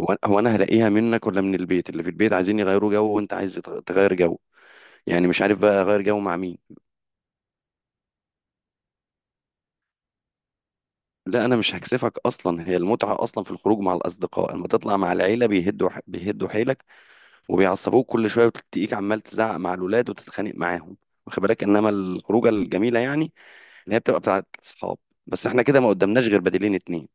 هو هو انا هلاقيها منك ولا من البيت؟ اللي في البيت عايزين يغيروا جو، وانت عايز تغير جو. يعني مش عارف بقى اغير جو مع مين. لا انا مش هكسفك، اصلا هي المتعه اصلا في الخروج مع الاصدقاء. اما تطلع مع العيله بيهدوا بيهدوا حيلك، وبيعصبوك كل شويه، وتلاقيك عمال تزعق مع الولاد وتتخانق معاهم. واخد بالك؟ انما الخروجه الجميله يعني اللي هي بتبقى بتاعت اصحاب. بس احنا كده ما قدامناش غير بديلين اتنين.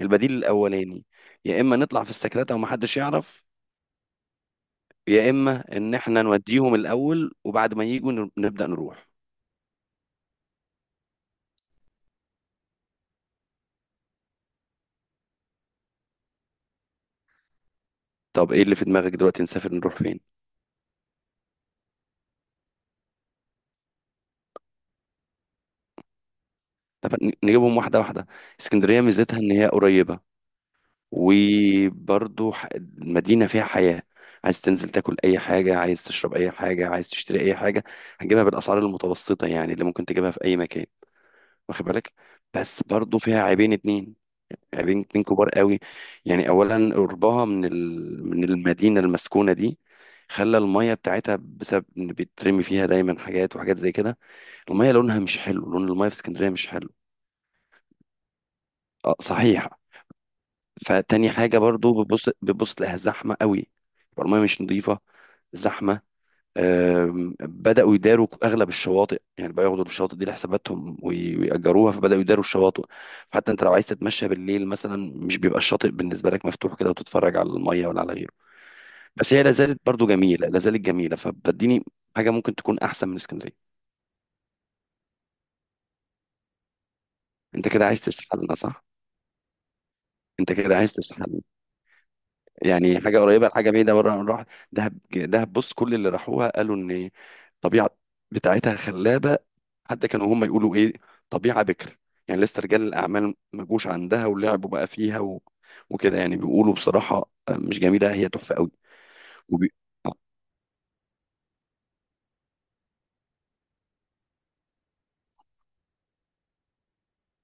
البديل الاولاني يا اما نطلع في السكرات ومحدش يعرف، يا اما ان احنا نوديهم الاول وبعد ما يجوا نبدا نروح. طب ايه اللي في دماغك دلوقتي؟ نسافر نروح فين؟ طب نجيبهم واحده واحده. اسكندريه ميزتها ان هي قريبه، وبرضه المدينه فيها حياه. عايز تنزل تاكل اي حاجه، عايز تشرب اي حاجه، عايز تشتري اي حاجه، هتجيبها بالاسعار المتوسطه يعني اللي ممكن تجيبها في اي مكان. واخد بالك؟ بس برضه فيها عيبين اتنين، عيبين اتنين كبار قوي. يعني اولا قربها من المدينه المسكونه دي خلى الميه بتاعتها، بسبب ان بيترمي فيها دايما حاجات وحاجات زي كده. المية لونها مش حلو، لون المية في اسكندرية مش حلو. اه صحيح. فتاني حاجة برضو بتبص تلاقيها زحمة قوي. يبقى المية مش نظيفة، زحمة. بدأوا يداروا أغلب الشواطئ، يعني بقى ياخدوا الشواطئ دي لحساباتهم ويأجروها، فبدأوا يداروا الشواطئ. فحتى أنت لو عايز تتمشى بالليل مثلا، مش بيبقى الشاطئ بالنسبة لك مفتوح كده وتتفرج على المية ولا على غيره. بس هي لازالت برضو جميلة، لازالت جميلة. فبديني حاجة ممكن تكون أحسن من اسكندرية. أنت كده عايز تسحلنا صح؟ أنت كده عايز تسحلنا. يعني حاجه قريبه لحاجه بعيده بره من راح. دهب دهب، بص، كل اللي راحوها قالوا ان الطبيعه بتاعتها خلابه. حتى كانوا هم يقولوا ايه؟ طبيعه بكر، يعني لسه رجال الاعمال ما جوش عندها ولعبوا بقى فيها وكده. يعني بيقولوا بصراحه، مش جميله، هي تحفه قوي. وبي...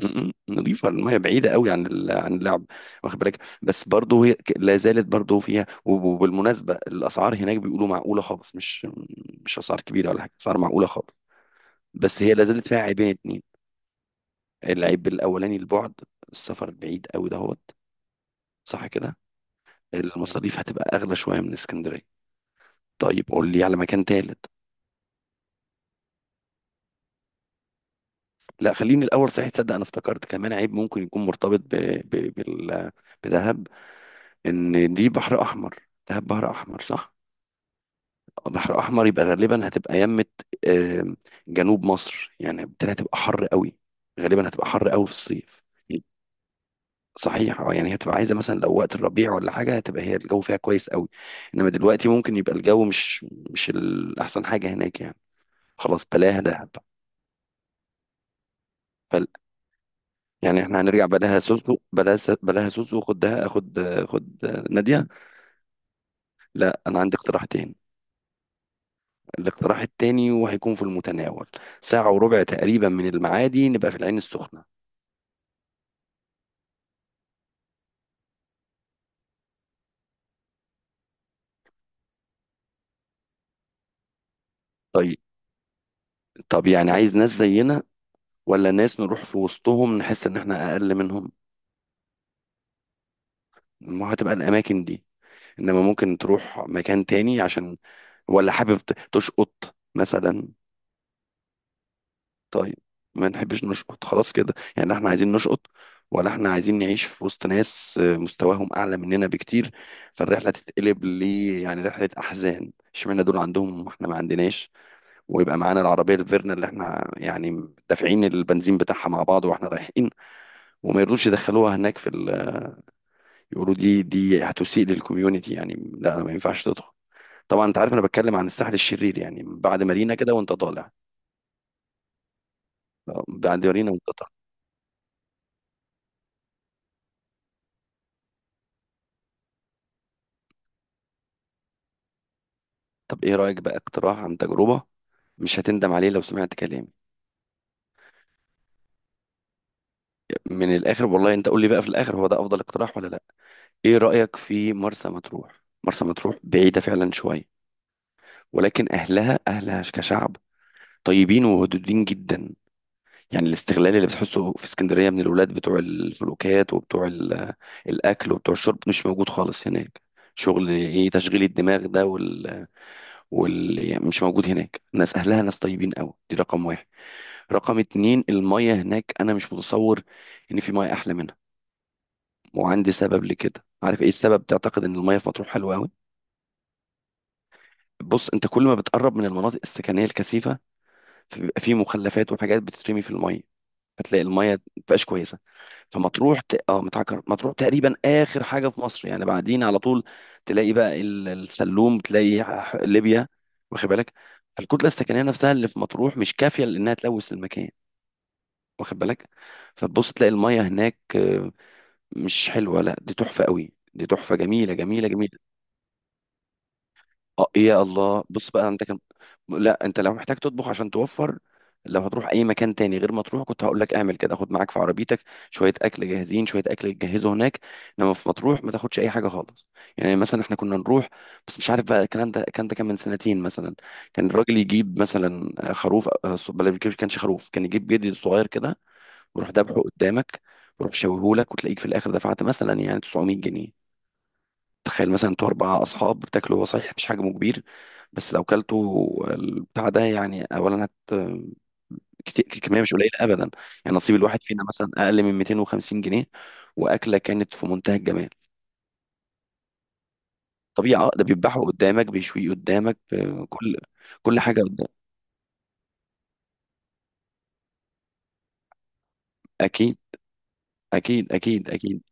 نظيفه الميه، بعيده قوي عن عن اللعب. واخد بالك؟ بس برضه هي لا زالت برضه فيها، وبالمناسبه الاسعار هناك بيقولوا معقوله خالص. مش اسعار كبيره ولا حاجه، اسعار معقوله خالص. بس هي لا زالت فيها عيبين اتنين. العيب الاولاني البعد، السفر بعيد قوي دهوت، صح كده. المصاريف هتبقى اغلى شويه من اسكندريه. طيب قول لي على مكان تالت. لا خليني الاول، صحيح تصدق انا افتكرت كمان عيب ممكن يكون مرتبط ب... بال... بدهب. ان دي بحر احمر. دهب بحر احمر صح. بحر احمر يبقى غالبا هتبقى يمه. آم، جنوب مصر يعني، بالتالي هتبقى حر قوي، غالبا هتبقى حر قوي في الصيف. صحيح اه. يعني هتبقى عايزه مثلا لو وقت الربيع ولا حاجه، هتبقى هي الجو فيها كويس قوي. انما دلوقتي ممكن يبقى الجو مش الاحسن حاجه هناك يعني. خلاص بلاها دهب. فل... يعني احنا هنرجع. بلاها سوسو، بلاها سوسو. خد دهب، خد، خد ناديه. لا انا عندي اقتراحتين. الاقتراح التاني وهيكون في المتناول، ساعه وربع تقريبا من المعادي نبقى في العين السخنه. طيب. طب يعني عايز ناس زينا، ولا ناس نروح في وسطهم نحس ان احنا اقل منهم؟ ما هتبقى الاماكن دي. انما ممكن تروح مكان تاني، عشان ولا حابب تشقط مثلا؟ طيب. ما نحبش نشقط خلاص كده، يعني احنا عايزين نشقط ولا احنا عايزين نعيش في وسط ناس مستواهم اعلى مننا بكتير، فالرحله تتقلب يعني رحله احزان، اشمعنى دول عندهم واحنا ما عندناش. ويبقى معانا العربيه الفيرنا اللي احنا يعني دافعين البنزين بتاعها مع بعض واحنا رايحين، وما يرضوش يدخلوها هناك يقولوا دي هتسيء للكوميونتي، يعني لا، ما ينفعش تدخل. طبعا انت عارف انا بتكلم عن الساحل الشرير، يعني بعد مارينا كده وانت طالع. بعد مارينا وانت طالع. طب ايه رايك بقى؟ اقتراح عن تجربه، مش هتندم عليه لو سمعت كلامي. من الاخر والله. انت قول لي بقى في الاخر هو ده افضل اقتراح ولا لا. ايه رايك في مرسى مطروح؟ مرسى مطروح بعيده فعلا شويه، ولكن اهلها، اهلها كشعب طيبين وودودين جدا. يعني الاستغلال اللي بتحسه في اسكندريه من الولاد بتوع الفلوكات وبتوع الاكل وبتوع الشرب، مش موجود خالص هناك. شغل ايه تشغيل الدماغ ده، واللي يعني مش موجود هناك. ناس اهلها ناس طيبين قوي، دي رقم واحد. رقم اتنين المية هناك، انا مش متصور ان في مية احلى منها. وعندي سبب لكده. عارف ايه السبب تعتقد ان المية في مطروح حلوه قوي؟ بص، انت كل ما بتقرب من المناطق السكنيه الكثيفه، فبيبقى في مخلفات وحاجات بتترمي في المية، فتلاقي المية مبقاش كويسة. فمطروح اه، متعكر. مطروح تقريبا اخر حاجه في مصر، يعني بعدين على طول تلاقي بقى السلوم، تلاقي ليبيا. واخد بالك؟ الكتله السكنيه نفسها اللي في مطروح مش كافيه لانها تلوث المكان. واخد بالك؟ فتبص تلاقي الميه هناك مش حلوه، لا دي تحفه قوي، دي تحفه جميله جميله جميله. اه يا الله. بص بقى انت كان. لا انت لو محتاج تطبخ عشان توفر، لو هتروح اي مكان تاني غير ما تروح كنت هقول لك اعمل كده. خد معاك في عربيتك شويه اكل جاهزين، شويه اكل تجهزه هناك. انما في مطروح ما تاخدش اي حاجه خالص. يعني مثلا احنا كنا نروح، بس مش عارف بقى الكلام ده، كان من سنتين مثلا. كان الراجل يجيب مثلا خروف، بل ما كانش خروف، كان يجيب جدي صغير كده، ويروح ذبحه قدامك، ويروح شويهولك، وتلاقيك في الاخر دفعت مثلا يعني 900 جنيه. تخيل، مثلا انتوا 4 اصحاب بتاكلوا. هو صحيح مش حجمه كبير، بس لو كلتوا البتاع ده يعني اولا كميه مش قليله ابدا. يعني نصيب الواحد فينا مثلا اقل من 250 جنيه. واكله كانت في منتهى الجمال. طبيعي اه، ده بيذبحه قدامك، بيشويه قدامك، كل، كل حاجه قدام. اكيد اكيد اكيد اكيد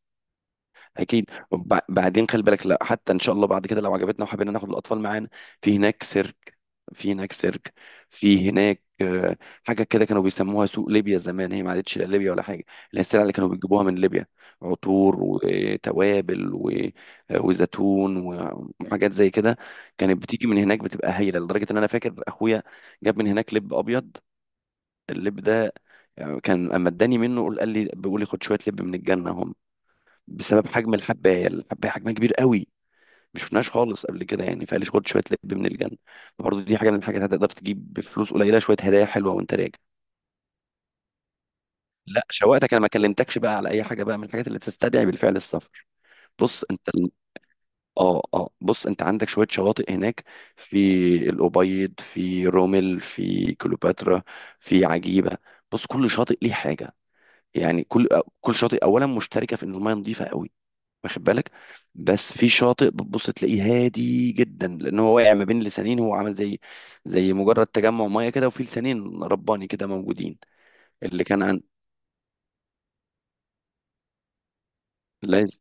اكيد. بعدين خلي بالك، لا حتى ان شاء الله بعد كده لو عجبتنا وحبينا ناخد الاطفال معانا، في هناك سيرك، في هناك سيرك، في هناك حاجه كده كانوا بيسموها سوق ليبيا زمان. هي ما عادتش لا ليبيا ولا حاجه، اللي هي السلع اللي كانوا بيجيبوها من ليبيا. عطور وتوابل وزيتون وحاجات زي كده. كانت بتيجي من هناك بتبقى هايله، لدرجه ان انا فاكر اخويا جاب من هناك لب ابيض. اللب ده كان اما اداني منه قال لي، بيقول لي خد شويه لب من الجنه، بسبب حجم الحبايه. الحبايه حجمها كبير قوي، مش شفناهاش خالص قبل كده يعني، فقال لي خد شويه لب من الجنه. فبرضه دي حاجه من الحاجات هتقدر تجيب بفلوس قليله شويه هدايا حلوه وانت راجع. لا شوقتك، انا ما كلمتكش بقى على اي حاجه بقى من الحاجات اللي تستدعي بالفعل السفر. بص انت اه بص انت عندك شويه شواطئ هناك، في الابيض، في رومل، في كليوباترا، في عجيبه. بص، كل شاطئ ليه حاجه. يعني كل كل شاطئ اولا مشتركه في ان الميه نظيفه قوي. واخد بالك؟ بس في شاطئ بتبص تلاقيه هادي جدا، لان هو واقع ما بين لسانين، هو عامل زي زي مجرد تجمع ميه كده، وفي لسانين رباني كده موجودين. اللي كان عن لازم.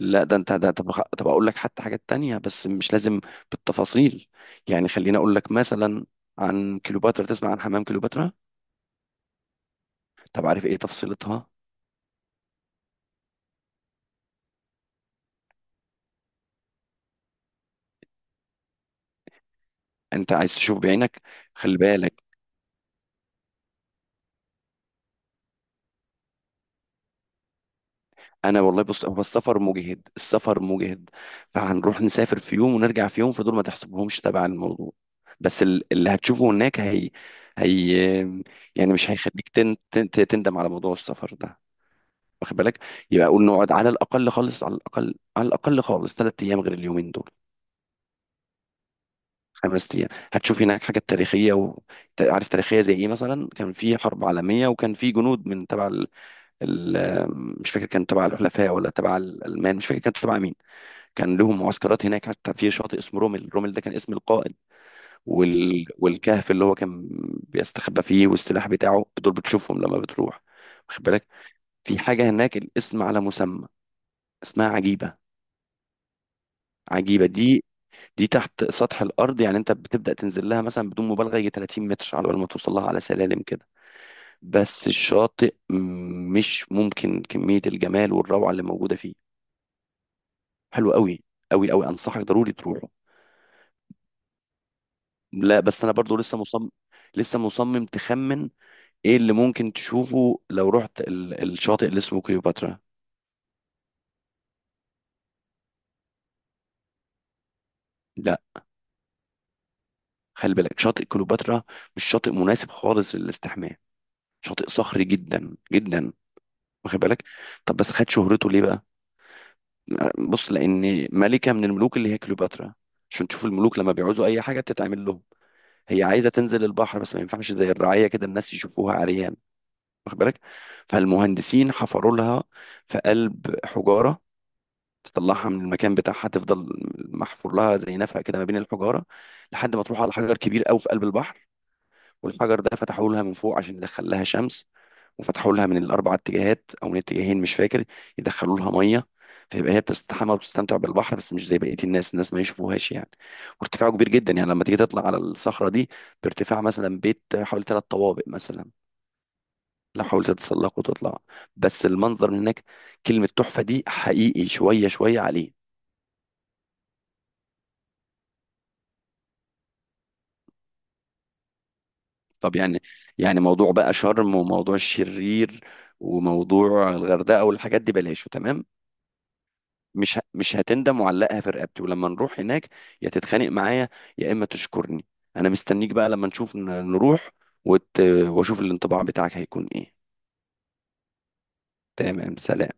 لا ده انت ده. طب طب اقول لك حتى حاجات تانية بس مش لازم بالتفاصيل. يعني خليني اقول لك مثلا، عن كليوباترا، تسمع عن حمام كليوباترا؟ طب عارف ايه تفصيلتها؟ انت عايز تشوف بعينك. خلي بالك. انا والله بص، هو السفر مجهد، السفر مجهد، فهنروح نسافر في يوم ونرجع في يوم، فدول ما تحسبهمش تبع الموضوع. بس اللي هتشوفه هناك هي، هي يعني مش هيخليك تندم على موضوع السفر ده. واخد بالك؟ يبقى اقول نقعد على الاقل خالص، على الاقل، على الاقل خالص، 3 ايام غير اليومين دول. 5 ايام هتشوف هناك حاجات تاريخيه عارف تاريخيه زي ايه مثلا؟ كان في حرب عالميه، وكان في جنود من تبع ال... مش فاكر كان تبع الحلفاء ولا تبع الالمان، مش فاكر كان تبع مين. كان لهم معسكرات هناك، حتى في شاطئ اسمه رومل. رومل ده كان اسم القائد. والكهف اللي هو كان بيستخبى فيه والسلاح بتاعه، دول بتشوفهم لما بتروح. واخد بالك؟ في حاجة هناك الاسم على مسمى، اسمها عجيبة. عجيبة دي، دي تحت سطح الأرض. يعني أنت بتبدأ تنزل لها مثلا بدون مبالغة يجي 30 متر على بال ما توصل لها على سلالم كده. بس الشاطئ مش ممكن كمية الجمال والروعة اللي موجودة فيه. حلو قوي، قوي قوي، أنصحك ضروري تروح. لا بس انا برضو لسه مصمم، لسه مصمم. تخمن ايه اللي ممكن تشوفه لو رحت الشاطئ اللي اسمه كليوباترا؟ لا خلي بالك، شاطئ كليوباترا مش شاطئ مناسب خالص للاستحمام، شاطئ صخري جدا جدا. واخد بالك؟ طب بس خد شهرته ليه بقى. بص، لان ملكة من الملوك اللي هي كليوباترا، عشان تشوف الملوك لما بيعوزوا اي حاجة بتتعمل لهم. هي عايزة تنزل البحر، بس ما ينفعش زي الرعاية كده الناس يشوفوها عريان. واخد بالك؟ فالمهندسين حفروا لها في قلب حجارة تطلعها من المكان بتاعها، تفضل محفور لها زي نفق كده ما بين الحجاره لحد ما تروح على حجر كبير قوي في قلب البحر. والحجر ده فتحوا لها من فوق عشان يدخل لها شمس، وفتحوا لها من الاربع اتجاهات او من اتجاهين مش فاكر، يدخلوا لها ميه. فيبقى هي بتستحمى وبتستمتع بالبحر، بس مش زي بقيه الناس، الناس ما يشوفوهاش يعني. وارتفاعه كبير جدا، يعني لما تيجي تطلع على الصخره دي بارتفاع مثلا بيت حوالي 3 طوابق مثلا، لو حاولت تتسلق وتطلع. بس المنظر من هناك كلمه تحفه دي حقيقي، شويه شويه عليه. طب يعني، يعني موضوع بقى شرم، وموضوع الشرير، وموضوع الغردقه، والحاجات دي بلاش تمام. مش هتندم، وعلقها في رقبتي، ولما نروح هناك يا تتخانق معايا، يا اما تشكرني. انا مستنيك بقى لما نشوف نروح وت... واشوف الانطباع بتاعك هيكون ايه. تمام، سلام.